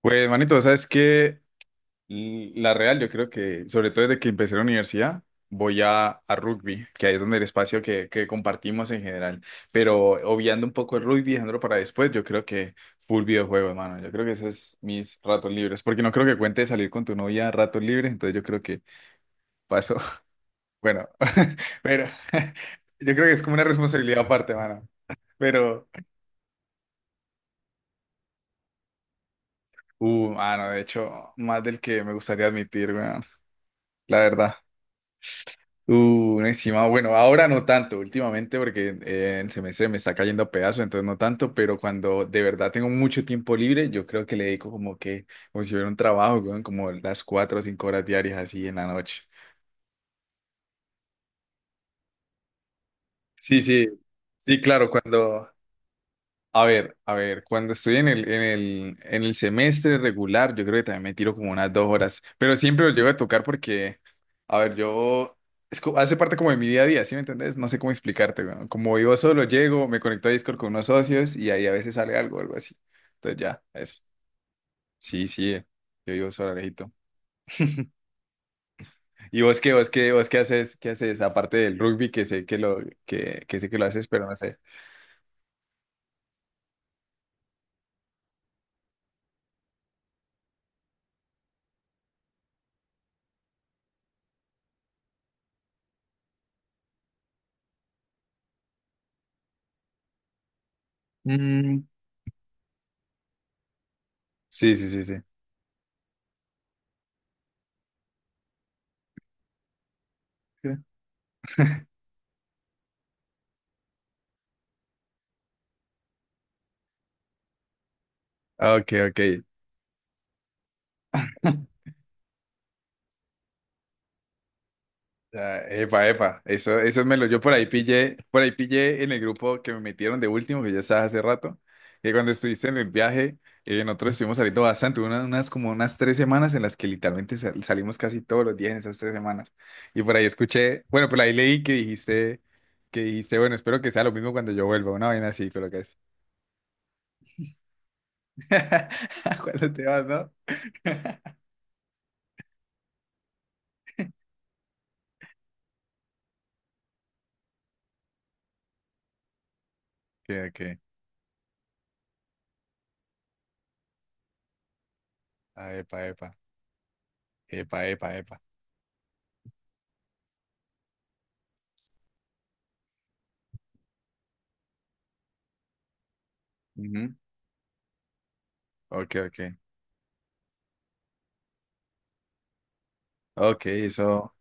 Pues, manito, ¿sabes que La real, yo creo que, sobre todo desde que empecé la universidad, voy a rugby, que ahí es donde el espacio que compartimos en general. Pero obviando un poco el rugby, dejándolo para después, yo creo que full videojuego, mano. Yo creo que eso es mis ratos libres, porque no creo que cuente salir con tu novia a ratos libres, entonces yo creo que paso, bueno, pero yo creo que es como una responsabilidad aparte, mano. Pero, mano, de hecho, más del que me gustaría admitir, weón, la verdad. Un estimado, bueno, ahora no tanto, últimamente porque el semestre me está cayendo a pedazos, entonces no tanto, pero cuando de verdad tengo mucho tiempo libre, yo creo que le dedico como si hubiera un trabajo, weón, como las cuatro o cinco horas diarias así en la noche. Sí, sí, sí, claro, cuando a ver, cuando estoy en el semestre regular, yo creo que también me tiro como unas dos horas, pero siempre lo llego a tocar porque, a ver, yo, hace parte como de mi día a día. ¿Sí me entendés? No sé cómo explicarte, weón. Como vivo solo, llego, me conecto a Discord con unos socios y ahí a veces sale algo, algo así. Entonces ya, eso. Sí, sí, yo vivo solo, Alejito. ¿Y vos qué haces, aparte del rugby, que sé que lo haces, pero no sé. Mm. Sí, sí, sí, sí. Ok, ok. Ya, epa, epa, yo por ahí pillé en el grupo que me metieron de último, que ya estaba hace rato, que cuando estuviste en el viaje, nosotros estuvimos saliendo bastante, unas tres semanas en las que literalmente salimos casi todos los días en esas tres semanas. Y por ahí escuché, bueno, por ahí leí que dijiste, bueno, espero que sea lo mismo cuando yo vuelva, una vaina así, creo que es. Cuando te vas, ¿no? Ok, ok. Ah, epa, epa. Epa, epa, epa. Ujú. Ok, ok. Ok, eso.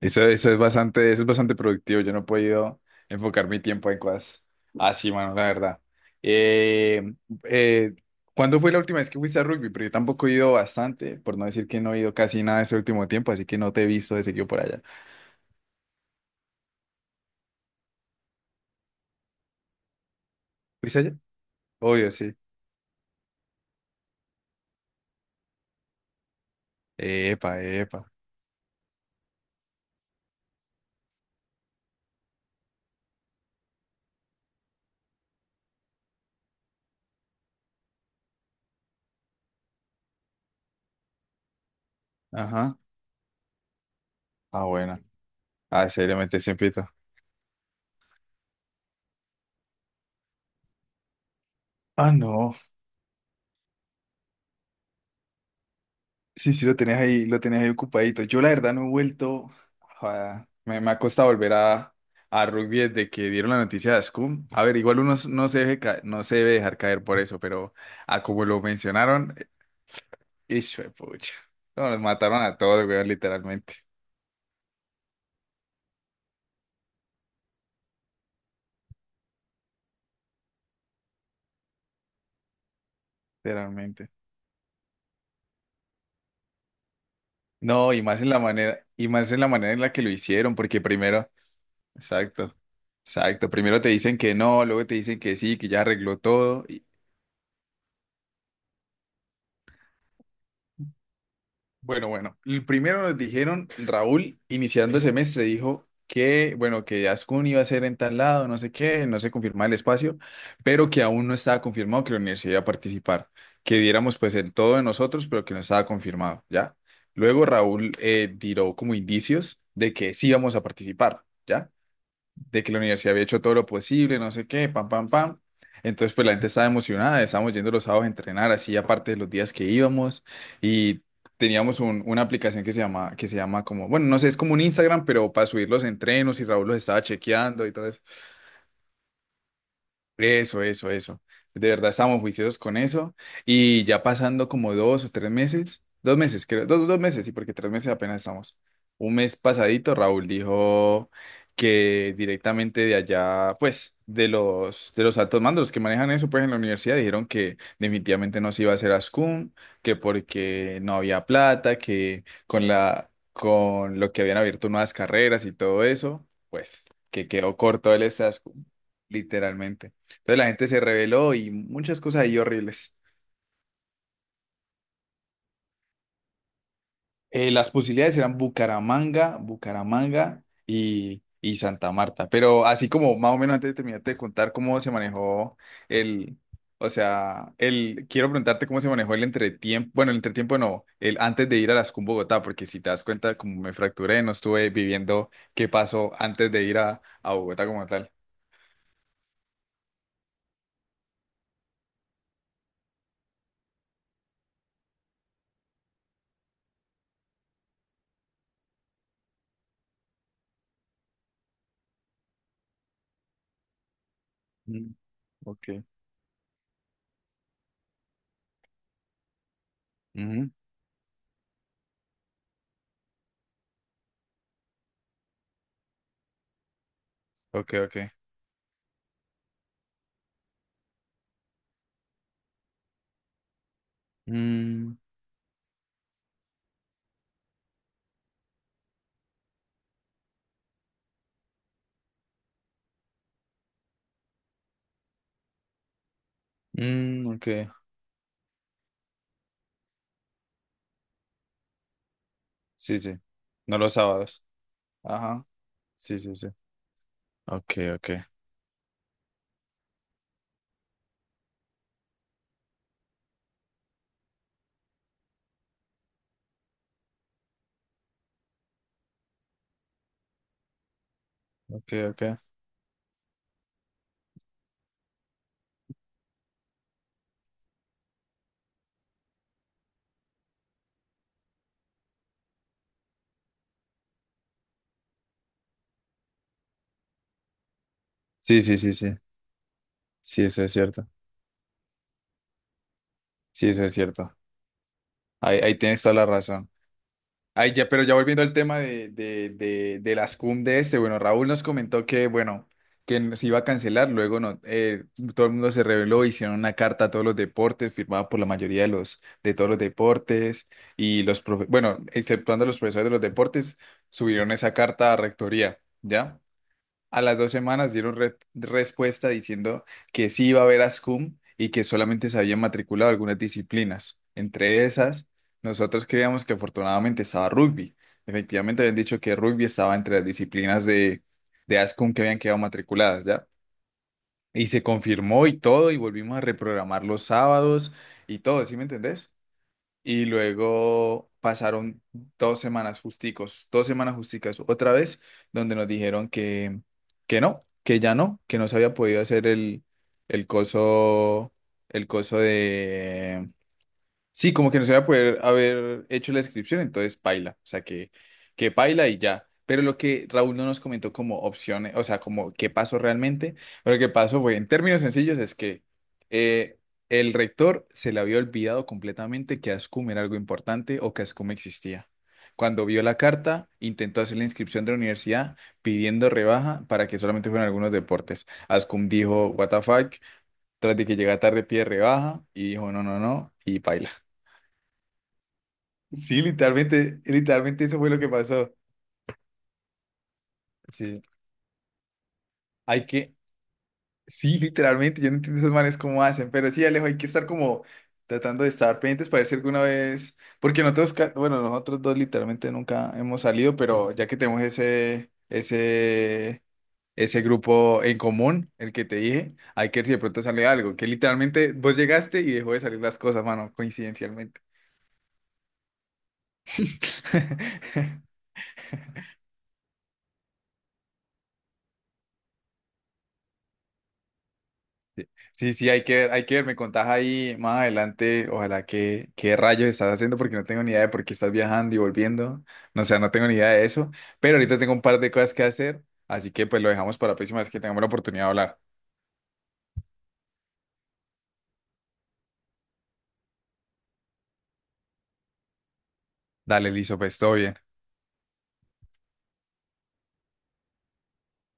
Eso, eso es bastante productivo. Yo no he podido enfocar mi tiempo en cosas así, mano, la verdad. Eh, eh, ¿Cuándo fue la última vez que fuiste a rugby? Porque yo tampoco he ido bastante, por no decir que no he ido casi nada este último tiempo, así que no te he visto de seguido por allá. ¿Fuiste allá? Obvio, sí. Epa, epa. Ajá. Ah, bueno. Ah, seriamente, siempre. Ah, no. Sí, sí, lo tenías ahí ocupadito. Yo la verdad no he vuelto, me ha costado volver a rugby desde que dieron la noticia de Ascum. A ver, igual no se no se debe dejar caer por eso, pero a como lo mencionaron, hijo de pucha. No, nos mataron a todos, weón, literalmente, literalmente. No, y más en la manera en la que lo hicieron, porque primero, exacto, exacto, primero te dicen que no, luego te dicen que sí, que ya arregló todo. Bueno, bueno, el primero nos dijeron, Raúl, iniciando el semestre, dijo que, bueno, que Ascun iba a ser en tal lado, no sé qué, no se confirmaba el espacio, pero que aún no estaba confirmado que la universidad iba a participar, que diéramos pues el todo de nosotros, pero que no estaba confirmado, ¿ya? Luego Raúl tiró como indicios de que sí íbamos a participar, ¿ya? De que la universidad había hecho todo lo posible, no sé qué, pam, pam, pam. Entonces, pues la gente estaba emocionada, estábamos yendo los sábados a entrenar, así aparte de los días que íbamos, y teníamos una aplicación que se llama, bueno, no sé, es como un Instagram, pero para subir los entrenos, y Raúl los estaba chequeando y todo eso, eso, eso. De verdad estamos juiciosos con eso. Y ya pasando como dos o tres meses, dos meses, creo, dos meses, sí, porque tres meses apenas estamos. Un mes pasadito, Raúl dijo que directamente de allá, pues, de los altos mandos, los que manejan eso, pues, en la universidad, dijeron que definitivamente no se iba a hacer ASCUM, que porque no había plata, que con lo que habían abierto nuevas carreras y todo eso, pues, que quedó corto el SASCUM, literalmente. Entonces la gente se rebeló y muchas cosas ahí horribles. Las posibilidades eran Bucaramanga, y Santa Marta. Pero así como más o menos antes de terminarte de contar cómo se manejó el, o sea, quiero preguntarte cómo se manejó el entretiempo, bueno, el entretiempo no, el antes de ir a las CUM Bogotá, porque si te das cuenta, como me fracturé, no estuve viviendo qué pasó antes de ir a Bogotá como tal. Mm, ok. Ujú. Ok, ok. Mm, ok. Sí, sí. No los sábados. Ajá. Sí, sí, sí. Ok, ok. Ok, ok. Sí, sí, sí, sí. Sí, eso es cierto. Sí, eso es cierto. Ahí, ahí tienes toda la razón. Ahí ya, pero ya volviendo al tema de, de las cum de este, bueno, Raúl nos comentó que, bueno, que se iba a cancelar, luego no, todo el mundo se reveló, hicieron una carta a todos los deportes, firmada por la mayoría de los, de todos los deportes, y bueno, exceptuando los profesores de los deportes, subieron esa carta a rectoría, ¿ya? A las dos semanas dieron respuesta diciendo que sí iba a haber ASCUM y que solamente se habían matriculado algunas disciplinas. Entre esas, nosotros creíamos que afortunadamente estaba rugby. Efectivamente, habían dicho que rugby estaba entre las disciplinas de ASCUM que habían quedado matriculadas, ¿ya? Y se confirmó y todo, y volvimos a reprogramar los sábados y todo, ¿sí me entendés? Y luego pasaron dos semanas justicos, dos semanas justicas otra vez, donde nos dijeron que no, que ya no, que no se había podido hacer el coso, el coso. Sí, como que no se va a poder haber hecho la inscripción, entonces paila, o sea que paila y ya. Pero lo que Raúl no nos comentó como opciones, o sea, como qué pasó realmente, pero lo que pasó fue, en términos sencillos, es que eh, el rector se le había olvidado completamente que ASCUM era algo importante o que ASCUM existía. Cuando vio la carta, intentó hacer la inscripción de la universidad pidiendo rebaja para que solamente fueran algunos deportes. ASCUM dijo, what the fuck, tras de que llega tarde pide rebaja y dijo, no, no, no, y paila. Sí, literalmente, literalmente eso fue lo que pasó. Sí, hay que, sí, literalmente, yo no entiendo esos manes cómo hacen, pero sí, Alejo, hay que estar como tratando de estar pendientes para ver si alguna vez, porque nosotros, bueno, nosotros dos literalmente nunca hemos salido, pero ya que tenemos ese, ese grupo en común, el que te dije, hay que ver si de pronto sale algo, que literalmente vos llegaste y dejó de salir las cosas, mano, coincidencialmente. Sí, sí, hay que ver, me contás ahí más adelante, ojalá, que qué rayos estás haciendo, porque no tengo ni idea de por qué estás viajando y volviendo, no, o sea, no tengo ni idea de eso, pero ahorita tengo un par de cosas que hacer, así que pues lo dejamos para la próxima vez que tengamos la oportunidad de hablar. Dale, listo, pues todo bien.